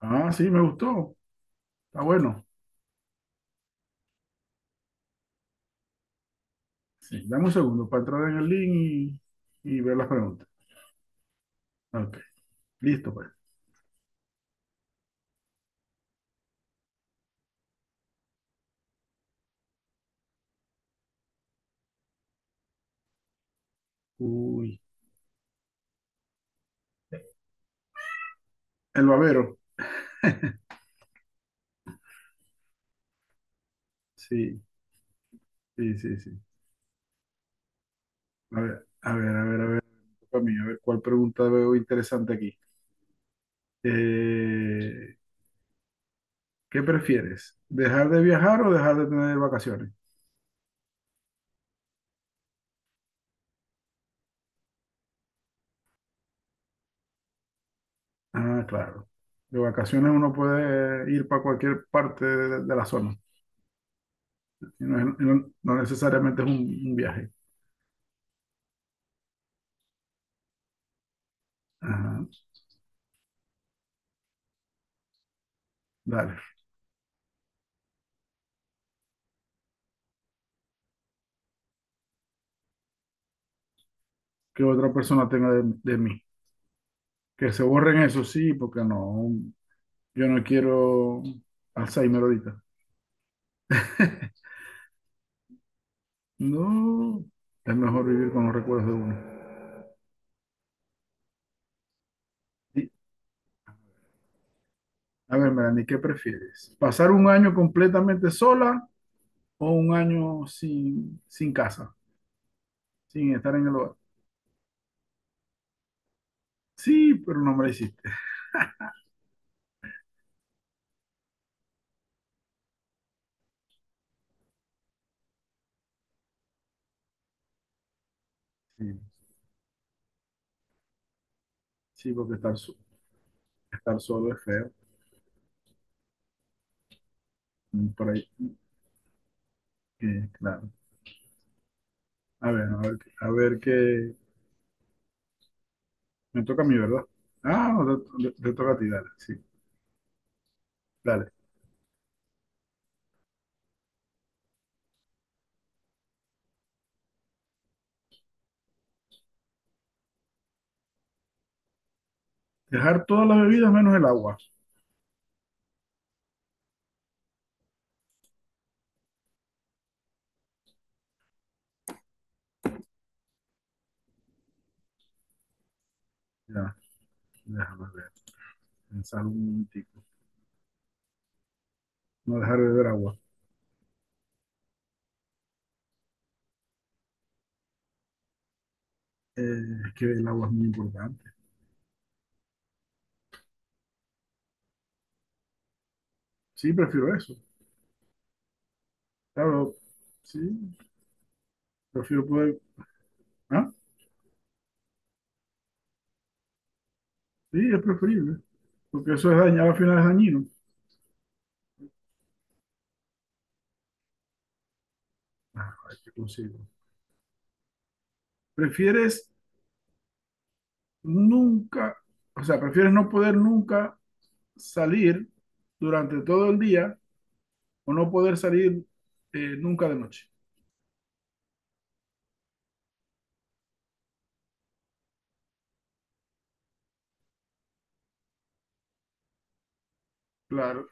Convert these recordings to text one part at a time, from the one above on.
Ah, sí, me gustó. Está bueno. Sí. Dame un segundo para entrar en el link y ver las preguntas. Ok, listo pues. Uy, el babero. Sí, sí. A ver, para mí, a ver cuál pregunta veo interesante aquí. Eh, ¿Qué prefieres? ¿Dejar de viajar o dejar de tener vacaciones? Ah, claro. De vacaciones uno puede ir para cualquier parte de la zona. Y no, no necesariamente es un viaje. Ajá, dale. Que otra persona tenga de mí. Que se borren eso, sí, porque no, yo no quiero Alzheimer ahorita. No, es mejor vivir con los recuerdos de uno. Y, A ver, Melanie, ¿qué prefieres? ¿Pasar un año completamente sola o un año sin casa, sin estar en el hogar? Sí, pero no me la hiciste. Sí, sí, porque estar solo es feo. Mm, por ahí, claro. A ver qué. Me toca a mí, ¿verdad? Ah, no, toca a ti, dale. Sí, dale. Dejar todas las bebidas menos el agua. Ya, déjame ver. Pensar un momentico. No dejar de beber agua. Es que el agua es muy importante. Sí, prefiero eso. Claro, sí, prefiero poder. Ah, sí, es preferible. Porque eso es dañado, al final es dañino. Ah, ay, qué consigo. ¿Prefieres nunca, O sea, ¿prefieres no poder nunca salir durante todo el día o no poder salir, nunca de noche? Claro,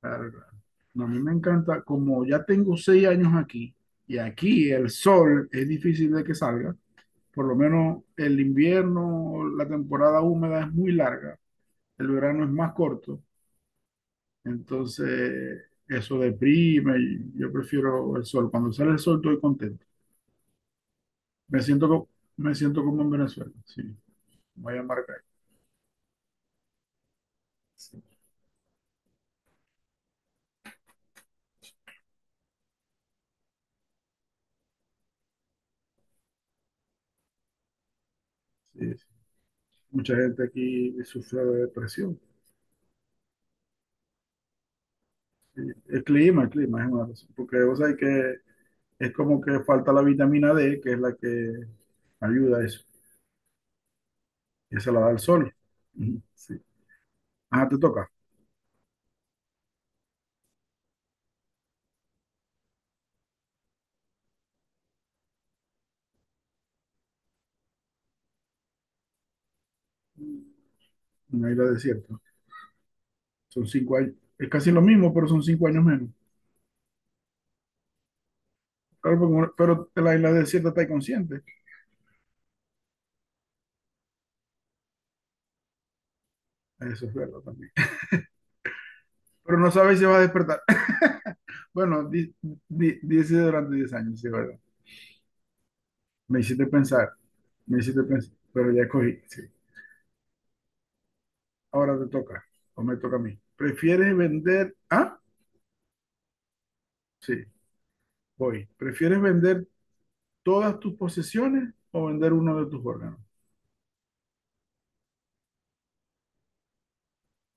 claro, claro. No, a mí me encanta, como ya tengo 6 años aquí y aquí el sol es difícil de que salga, por lo menos el invierno, la temporada húmeda es muy larga, el verano es más corto, entonces eso deprime y yo prefiero el sol. Cuando sale el sol estoy contento. Me siento, co- Me siento como en Venezuela, sí, voy a marcar. Sí, sí, sí. Mucha gente aquí sufre de depresión. El clima es una razón, porque vos sabés que es como que falta la vitamina D, que es la que ayuda a eso, que se la da el sol. Ujú, sí. Ah, te toca. Una isla desierta. Son 5 años, es casi lo mismo, pero son 5 años menos. Claro, porque pero la isla desierta está inconsciente. Eso es verdad también. Pero no sabes si va a despertar. Bueno, dice durante 10 años, sí, verdad. Me hiciste pensar, Me hiciste pensar, pero ya cogí, sí. Ahora te toca, o me toca a mí. ¿Prefieres vender? Ah, sí, voy. ¿Prefieres vender todas tus posesiones o vender uno de tus órganos?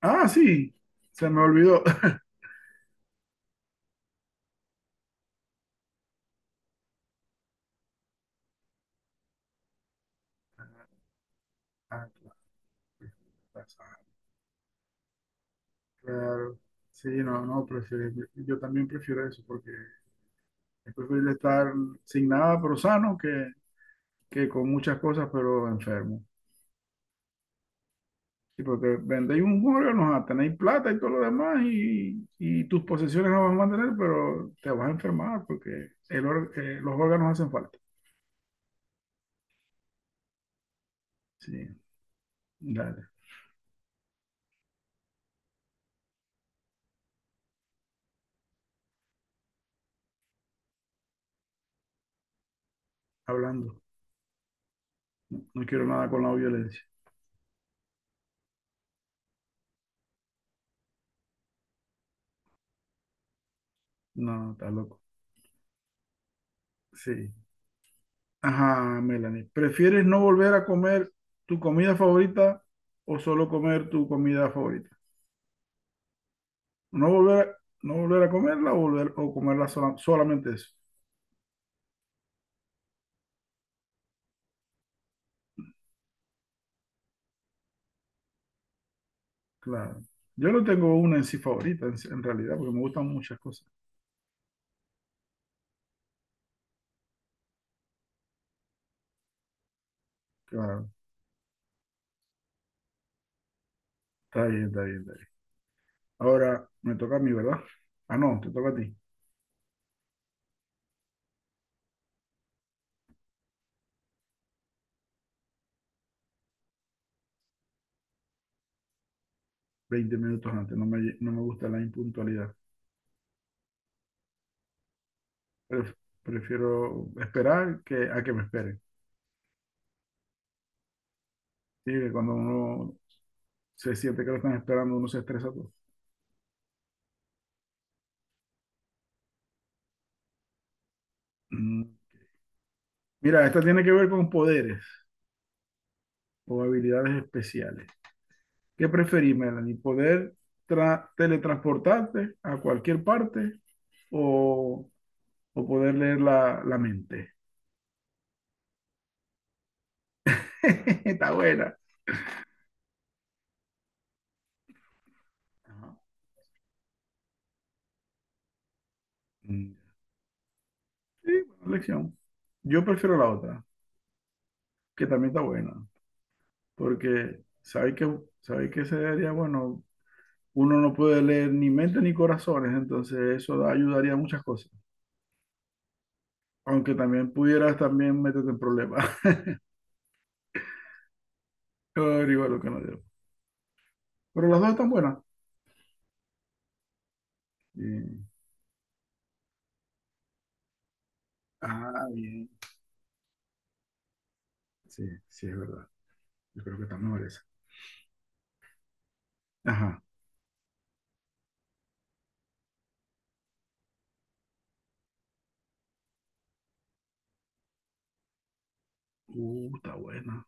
Ah, sí, se me olvidó. Ah, claro, claro. Sí, no, no, prefiero, yo también prefiero eso porque es preferible estar sin nada pero sano que con muchas cosas pero enfermo. Sí, porque vendéis un órgano, ah, tenéis plata y todo lo demás y tus posesiones no vas a mantener, pero te vas a enfermar porque los órganos hacen falta. Sí, dale, hablando. No quiero nada con la violencia. No, no, está loco. Sí. Ajá, Melanie. ¿Prefieres no volver a comer tu comida favorita o solo comer tu comida favorita? No volver a, no volver a comerla o, comerla solamente eso. Claro. Yo no tengo una en sí favorita, en realidad, porque me gustan muchas cosas. Claro. Está bien, está bien, está bien. Ahora me toca a mí, ¿verdad? Ah, no, te toca a ti. 20 minutos antes. No me gusta la impuntualidad. Pref- Prefiero esperar a que me esperen. Sí, que cuando uno se siente que lo están esperando, uno se estresa todo. Mm. Mira, esta tiene que ver con poderes o habilidades especiales. ¿Qué preferís, Melanie? ¿Poder teletransportarte a cualquier parte o, o poder leer la mente? Está buena. Ajá. Mm. Sí, buena elección. Yo prefiero la otra, que también está buena, porque sabéis que sería bueno, uno no puede leer ni mentes ni corazones, entonces ayudaría a muchas cosas. Aunque también pudieras también meterte en problemas. Pero igual lo que no debo. Pero las dos están buenas. Bien. Ah, bien. Sí, sí, es verdad. Yo creo que también merece. Ajá. Está buena.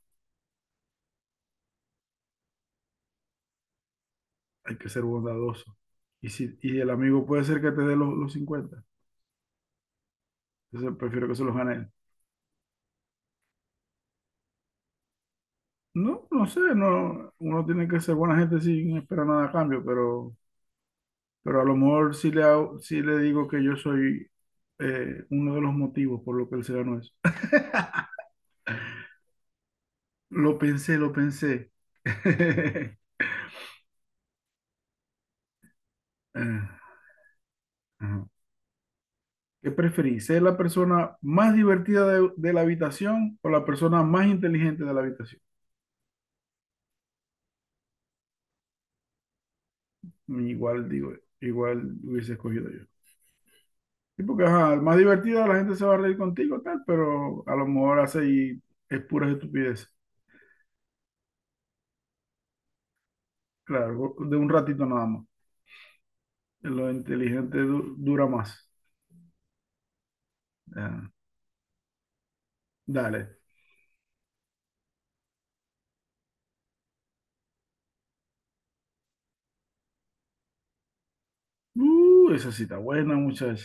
Hay que ser bondadoso. Y, si, Y el amigo puede ser que te dé los cincuenta. Entonces prefiero que se los gane él. No, no sé, no, uno tiene que ser buena gente sin esperar nada a cambio, pero a lo mejor sí sí le digo que yo soy, uno de los motivos por lo que él se ganó eso. Lo pensé, lo pensé. Ah, ajá. ¿Qué preferís? ¿Ser la persona más divertida de la habitación o la persona más inteligente de la habitación? Igual digo, igual hubiese escogido yo. Sí, porque ajá, más divertida la gente se va a reír contigo, tal, pero a lo mejor hace y es pura estupidez. Claro, de un ratito nada más. Lo inteligente dura más. Ah, dale. Esa cita buena, muchacha.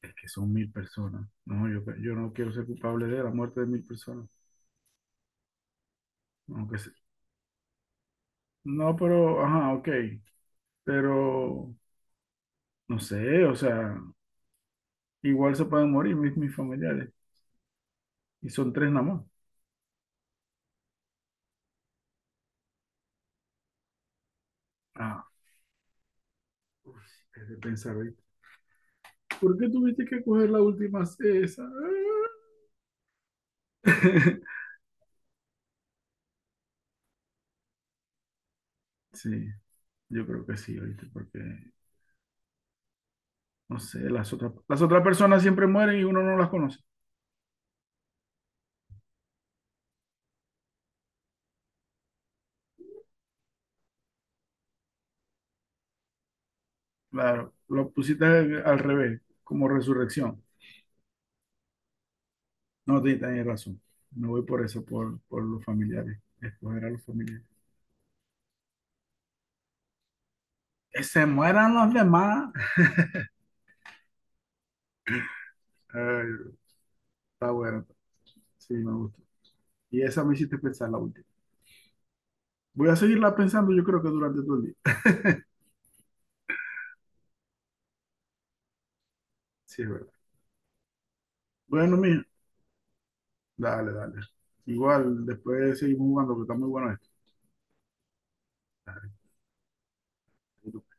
Es que son 1.000 personas. No, yo no quiero ser culpable de la muerte de 1.000 personas. Aunque se- No, pero, ajá, ok. Pero, no sé, o sea, igual se pueden morir mis familiares. Y son tres nada más. Ah, uf, es de pensar, ¿viste? ¿Por qué tuviste que coger la última esa? Sí, yo creo que sí, ¿oíste? Porque, no sé, las otras personas siempre mueren y uno no las conoce. Claro, lo pusiste al revés, como resurrección. No, te tenés razón. Me voy por eso, por los familiares. Escoger a los familiares. Que se mueran los demás. Ay, está bueno. Sí, me gusta. Y esa me hiciste pensar la última. Voy a seguirla pensando, yo creo que durante todo el día. Sí, es verdad. Bueno, mija, dale, dale. Igual, después seguimos jugando, que está muy bueno esto.